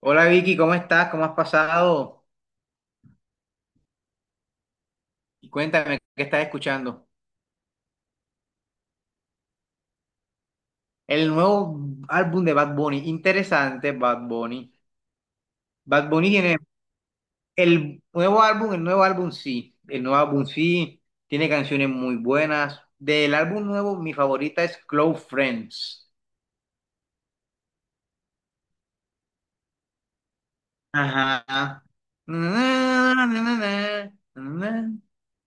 Hola Vicky, ¿cómo estás? ¿Cómo has pasado? Y cuéntame, ¿qué estás escuchando? El nuevo álbum de Bad Bunny, interesante Bad Bunny. Bad Bunny tiene el nuevo álbum sí, el nuevo álbum sí, tiene canciones muy buenas. Del álbum nuevo, mi favorita es Close Friends. Ajá.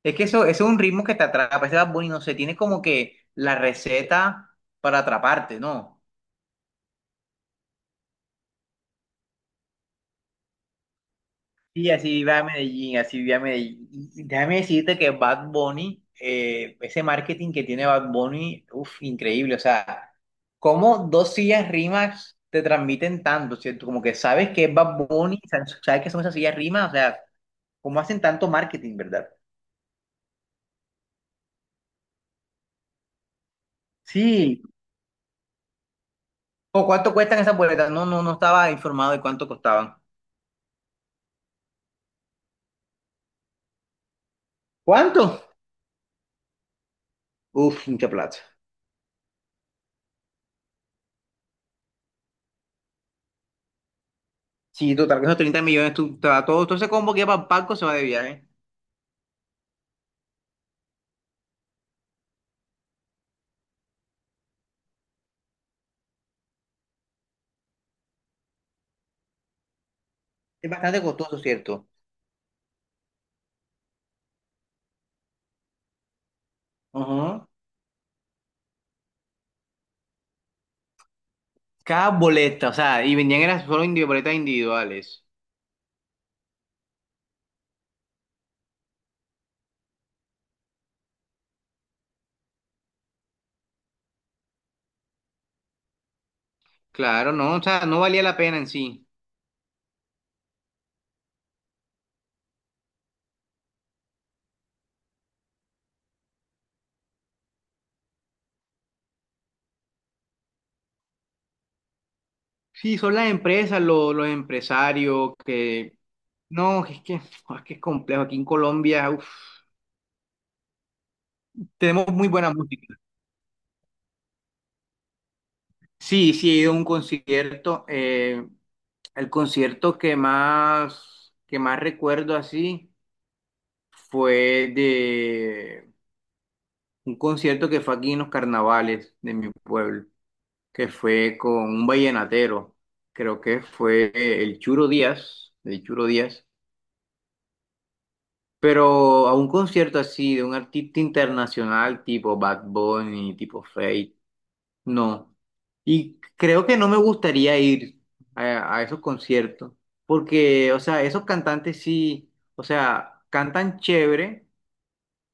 Es que eso es un ritmo que te atrapa, ese Bad Bunny, no sé, tiene como que la receta para atraparte, ¿no? Sí, así va a Medellín, así va a Medellín. Y déjame decirte que Bad Bunny, ese marketing que tiene Bad Bunny, uff, increíble. O sea, cómo dos sillas rimas te transmiten tanto, ¿cierto? Como que sabes que es Bad Bunny, sabes que son esas sillas rimas, o sea, cómo hacen tanto marketing, ¿verdad? Sí. ¿O cuánto cuestan esas boletas? No, no, no estaba informado de cuánto costaban. ¿Cuánto? Uf, mucha plata. Sí, total, que esos 30 millones, tú, te va todo, todo ese combo que va para el palco se va de viaje. Es bastante costoso, ¿cierto? Ajá. Cada boleta, o sea, y vendían eran solo boletas individuales. Claro, no, o sea, no valía la pena en sí. Sí, son las empresas, los, empresarios, que... No, es que, es que es complejo. Aquí en Colombia, uf, tenemos muy buena música. Sí, sí, he ido a un concierto. El concierto que más recuerdo así fue de un concierto que fue aquí en los carnavales de mi pueblo. Que fue con un vallenatero, creo que fue el Churo Díaz, pero a un concierto así de un artista internacional tipo Bad Bunny, tipo Feid, no. Y creo que no me gustaría ir a esos conciertos, porque, o sea, esos cantantes sí, o sea, cantan chévere,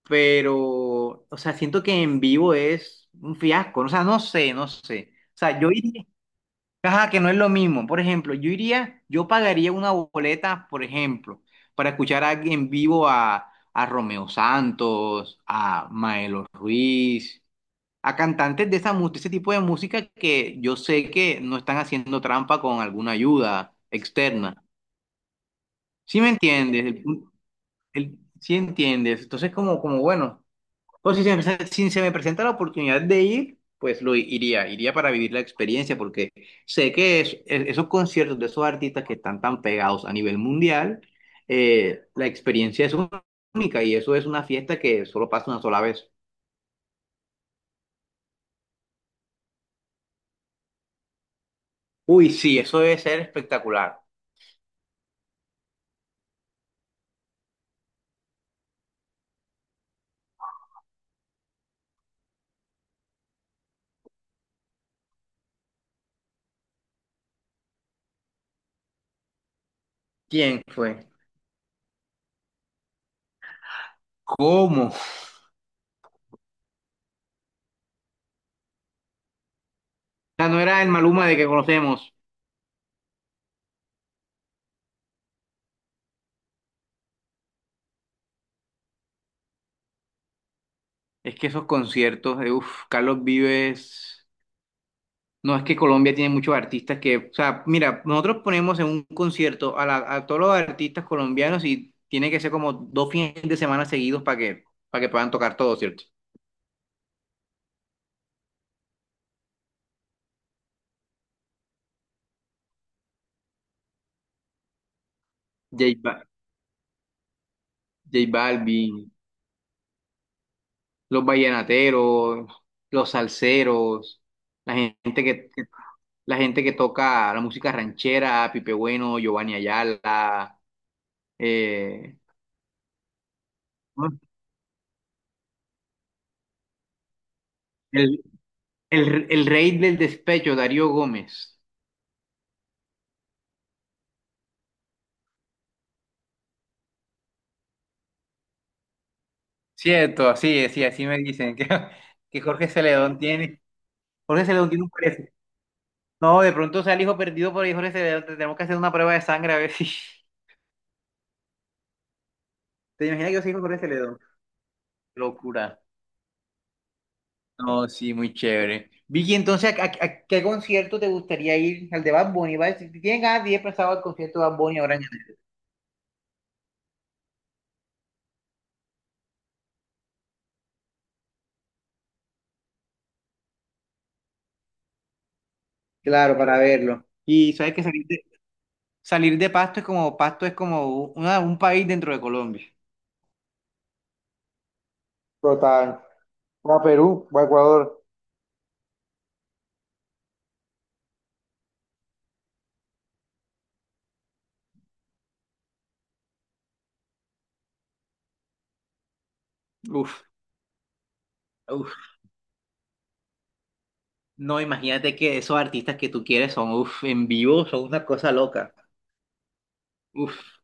pero, o sea, siento que en vivo es un fiasco, o sea, no sé, no sé. O sea, yo iría. Ajá, que no es lo mismo. Por ejemplo, yo iría, yo pagaría una boleta, por ejemplo, para escuchar a, en vivo a Romeo Santos, a Maelo Ruiz, a cantantes de esa, de ese tipo de música que yo sé que no están haciendo trampa con alguna ayuda externa. ¿Sí me entiendes? ¿Sí entiendes? Entonces, como bueno. O si se me presenta la oportunidad de ir, pues lo iría, iría para vivir la experiencia, porque sé que esos conciertos de esos artistas que están tan pegados a nivel mundial, la experiencia es única y eso es una fiesta que solo pasa una sola vez. Uy, sí, eso debe ser espectacular. ¿Quién fue? ¿Cómo? O sea, no era el Maluma de que conocemos. Es que esos conciertos, uf, Carlos Vives. No, es que Colombia tiene muchos artistas que, o sea, mira, nosotros ponemos en un concierto a, a todos los artistas colombianos y tiene que ser como 2 fines de semana seguidos para que puedan tocar todo, ¿cierto? J, Ba- J Balvin, los vallenateros, los salseros, la gente que, la gente que toca la música ranchera, Pipe Bueno, Giovanni Ayala, eh, el, el rey del despecho, Darío Gómez. Cierto, así es, sí, así me dicen que Jorge Celedón tiene un precio. No, de pronto sea el hijo perdido por ahí, Jorge Celedón, tenemos que hacer una prueba de sangre a ver si. ¿Te imaginas que yo soy hijo de Jorge Celedón? Locura. No, sí, muy chévere. Vicky, entonces, ¿a qué concierto te gustaría ir? Al de Bad Bunny, ¿vale? Si tienes ganas de ir pasado al concierto de Bad Bunny ahora en enero. Claro, para verlo. Y sabes que salir de Pasto es como un país dentro de Colombia. Total. O a Perú, o a Ecuador. Uf, uf. No, imagínate que esos artistas que tú quieres son, uff, en vivo, son una cosa loca. Uff,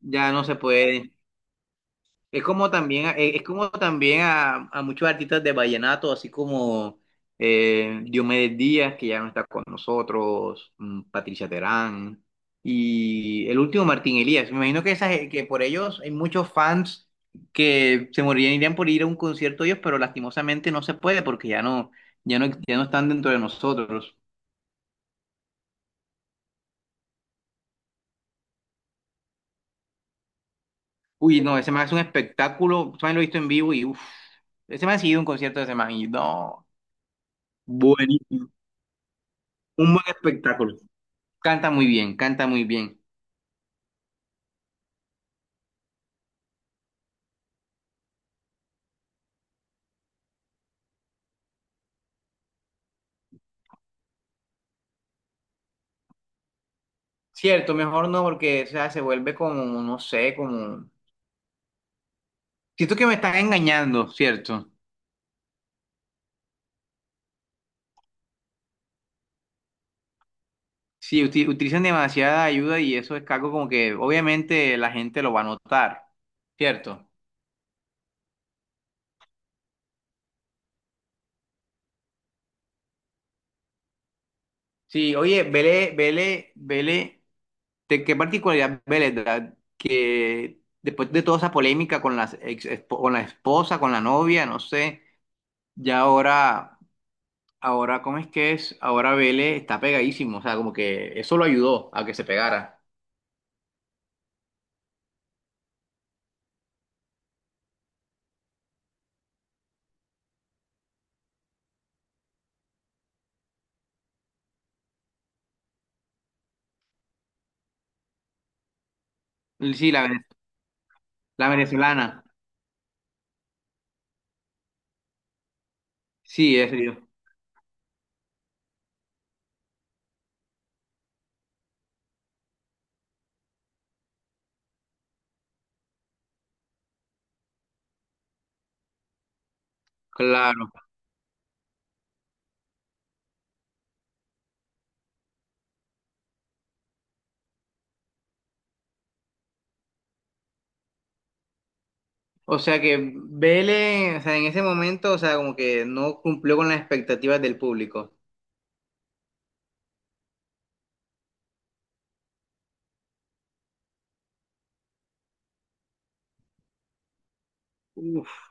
ya no se puede. Es como también a muchos artistas de vallenato, así como Diomedes Díaz, que ya no está con nosotros, Patricia Terán, y el último Martín Elías. Me imagino que, esas, que por ellos hay muchos fans que se morirían, irían por ir a un concierto de ellos, pero lastimosamente no se puede porque ya no, ya no, ya no están dentro de nosotros. Uy, no, ese man es un espectáculo. Ese man lo he visto en vivo y uff. Ese man ha seguido un concierto de ese man y no. Buenísimo. Un buen espectáculo. Canta muy bien, canta muy bien. Cierto, mejor no, porque o sea, se vuelve como, no sé, como. Siento que me están engañando, ¿cierto? Sí, utilizan demasiada ayuda y eso es algo como que obviamente la gente lo va a notar, ¿cierto? Sí, oye, vele, vele, vele. ¿De qué particularidad ve la edad que después de toda esa polémica con las con la esposa, con la novia, no sé, ya ahora, ¿cómo es que es? Ahora Vélez está pegadísimo, o sea, como que eso lo ayudó a que se pegara. Sí, la, la venezolana, sí, es claro. O sea que Vélez, o sea, en ese momento, o sea, como que no cumplió con las expectativas del público. Uf,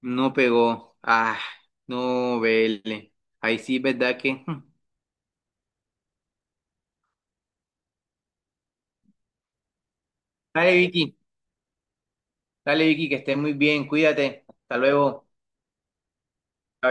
no pegó. Ah, no, Vélez. Ahí sí, ¿verdad que? Dale, Vicky. Dale, Vicky, que estés muy bien. Cuídate. Hasta luego. Chao,